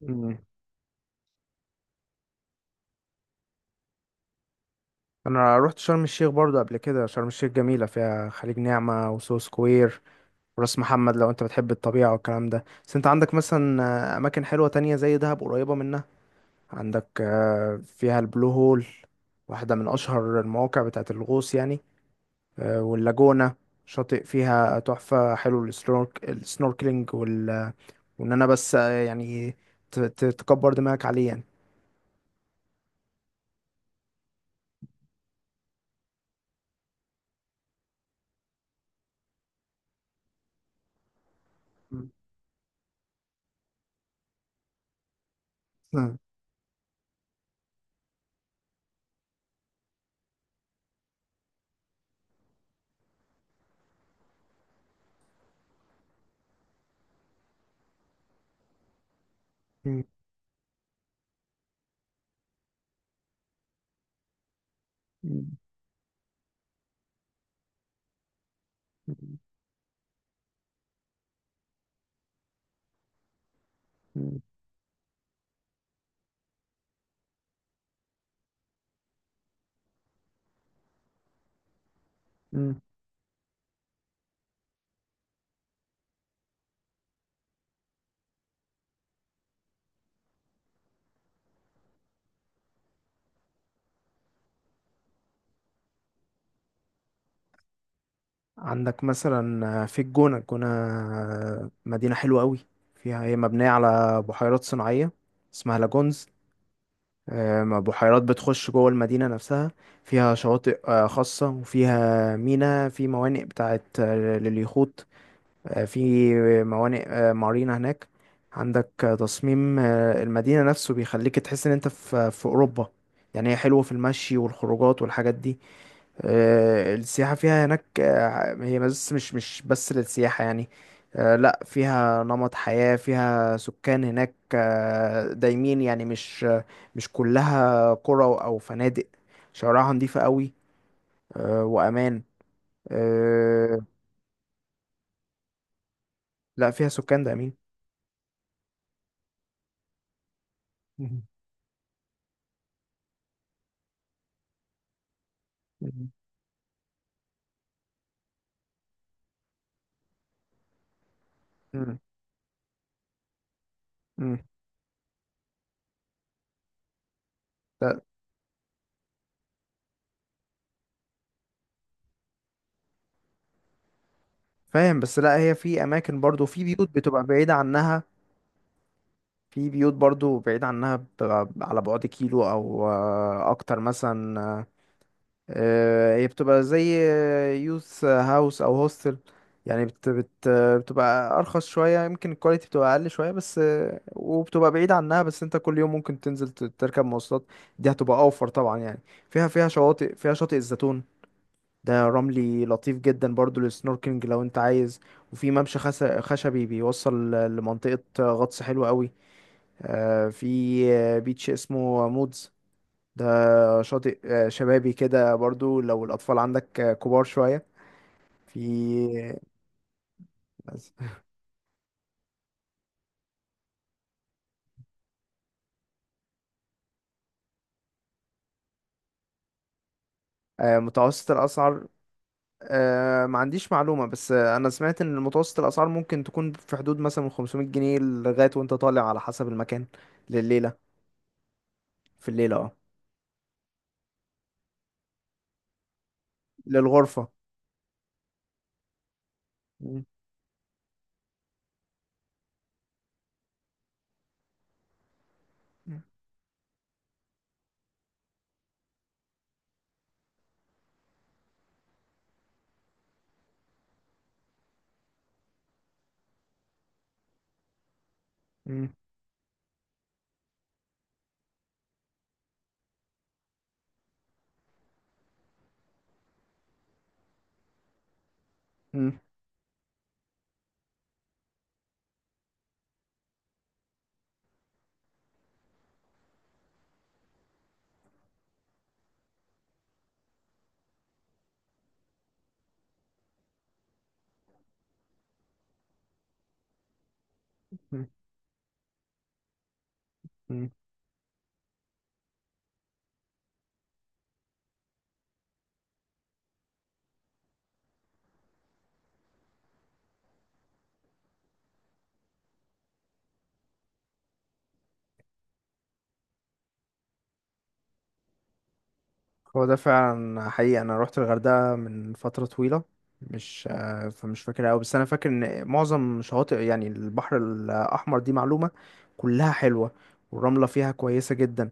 مم. انا رحت شرم الشيخ برضو قبل كده. شرم الشيخ جميله، فيها خليج نعمه وسو سكوير وراس محمد، لو انت بتحب الطبيعه والكلام ده. بس انت عندك مثلا اماكن حلوه تانية زي دهب قريبه منها. عندك فيها البلو هول، واحده من اشهر المواقع بتاعه الغوص يعني. واللاجونه شاطئ فيها تحفه، حلو السنوركلينج وان انا بس يعني تكبر دماغك عليه يعني. مم. مم. مم. مم. عندك مثلا في الجونة. الجونة مدينة حلوة قوي، فيها، هي مبنية على بحيرات صناعية اسمها لاجونز. بحيرات بتخش جوه المدينة نفسها. فيها شواطئ خاصة، وفيها في موانئ بتاعت لليخوت. في موانئ، مارينا هناك. عندك تصميم المدينة نفسه بيخليك تحس ان انت في أوروبا. يعني هي حلوة في المشي والخروجات والحاجات دي. السياحة فيها هناك هي بس مش بس للسياحة يعني. لا، فيها نمط حياة، فيها سكان هناك دايمين يعني، مش كلها قرى أو فنادق. شوارعها نظيفة قوي، وأمان. آه، لا، فيها سكان دايمين. مهم. مم. مم. مم. لا، فاهم، بس لا، هي في أماكن برضو، في بيوت بتبقى بعيدة عنها. في بيوت برضو بعيدة عنها، بتبقى على بعد كيلو أو أكتر مثلا. هي بتبقى زي يوث هاوس او هوستل. يعني بت بت بتبقى ارخص شويه، يمكن الكواليتي بتبقى اقل شويه، بس وبتبقى بعيد عنها. بس انت كل يوم ممكن تنزل تركب مواصلات. دي هتبقى اوفر طبعا يعني. فيها شواطئ، فيها شاطئ الزيتون. ده رملي لطيف جدا برضو للسنوركلينج لو انت عايز. وفي ممشى خشبي بيوصل لمنطقه غطس حلوة قوي. في بيتش اسمه مودز. ده شاطئ شبابي كده برضو، لو الأطفال عندك كبار شوية. في متوسط الأسعار. ما عنديش معلومة، بس أنا سمعت إن متوسط الأسعار ممكن تكون في حدود مثلا من 500 جنيه لغاية وأنت طالع، على حسب المكان. لليلة. في الليلة، اه. للغرفة. مم. مم. مم. مم. هو ده فعلا حقيقي. انا روحت الغردقه من فتره طويله، مش آه، فمش فاكر قوي، بس انا فاكر ان معظم شواطئ يعني البحر الاحمر دي معلومه، كلها حلوه، والرمله فيها كويسه جدا.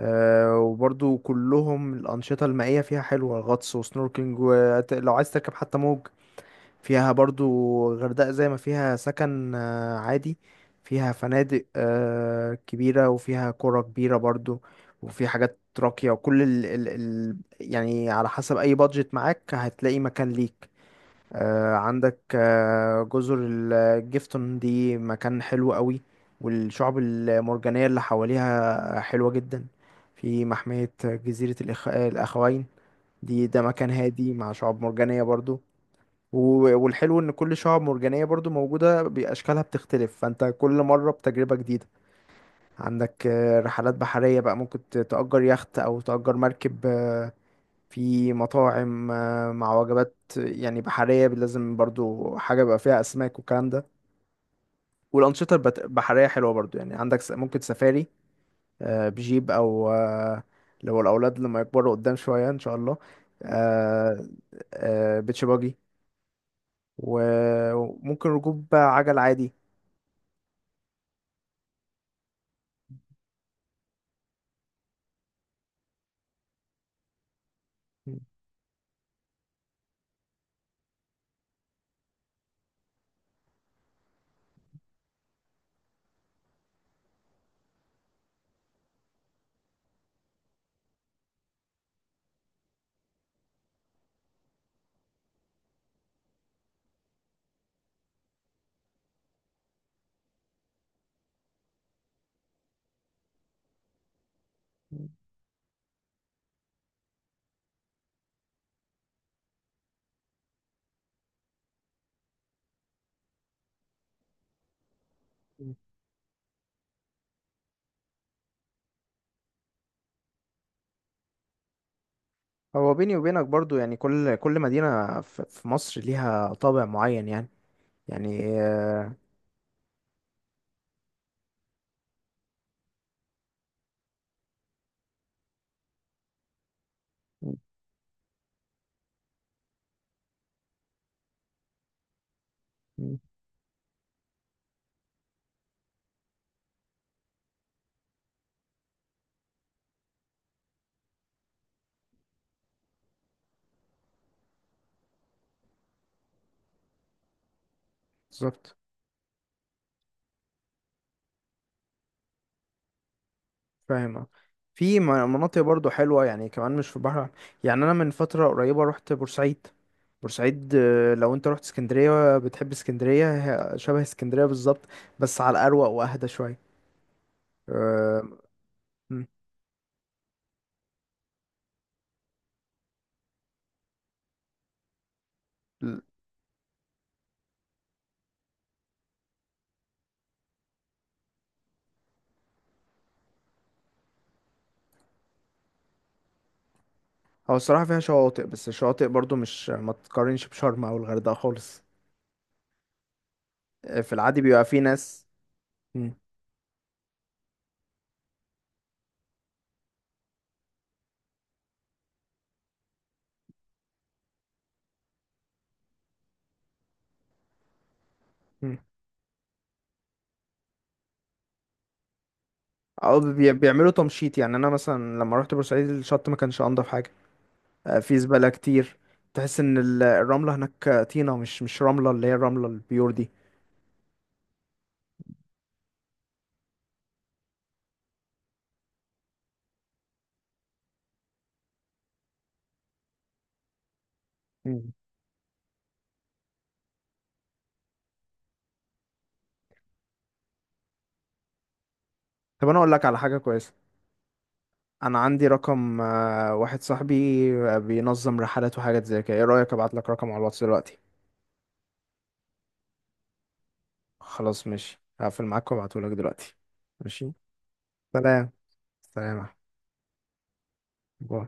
وبرضو كلهم الانشطه المائيه فيها حلوه، غطس وسنوركلينج، ولو عايز تركب حتى موج فيها برضو. غردقة زي ما فيها سكن عادي، فيها فنادق كبيرة، وفيها قرى كبيرة برضو. وفي حاجات راقية، وكل ال ال ال يعني على حسب أي بادجت معاك هتلاقي مكان ليك. عندك جزر الجيفتون، دي مكان حلو قوي، والشعب المرجانية اللي حواليها حلوة جدا. في محمية جزيرة الأخوين. دي مكان هادي مع شعاب مرجانية برضو. والحلو ان كل شعاب مرجانية برضو موجودة، باشكالها بتختلف، فانت كل مرة بتجربة جديدة. عندك رحلات بحرية بقى، ممكن تأجر يخت او تأجر مركب. في مطاعم مع وجبات يعني بحرية، لازم برضو حاجة بقى فيها اسماك والكلام ده. والانشطة البحرية حلوة برضو يعني. عندك ممكن سفاري، بجيب او لو الاولاد لما يكبروا قدام شوية ان شاء الله. آه، بيتش باجي، وممكن ركوب عجل عادي. هو بيني وبينك برضو، يعني كل كل مدينة في مصر ليها طابع معين يعني. يعني بالظبط. فاهم، آه. في مناطق برضو حلوة يعني كمان، مش في البحر. يعني أنا من فترة قريبة رحت بورسعيد. بورسعيد، لو أنت رحت اسكندرية بتحب اسكندرية، هي شبه اسكندرية بالظبط، بس على الأروق وأهدى شوية. آه، م. هو الصراحة فيها شواطئ، بس الشواطئ برضو مش، ما تقارنش بشرم أو الغردقة خالص. في العادي بيبقى في ناس. مم. مم. او بيعملوا تمشيط. يعني انا مثلا لما رحت بورسعيد الشط ما كانش انضف حاجه، في زباله كتير. تحس ان الرمله هناك طينه، مش رمله، اللي هي الرمله البيور دي. مم. طب انا اقول لك على حاجه كويسه. انا عندي رقم واحد صاحبي بينظم رحلات وحاجات زي كده، ايه رايك ابعت لك رقم على الواتس دلوقتي؟ خلاص ماشي، هقفل معاك وابعته لك دلوقتي. ماشي. سلام. سلام يا أحمد. باي.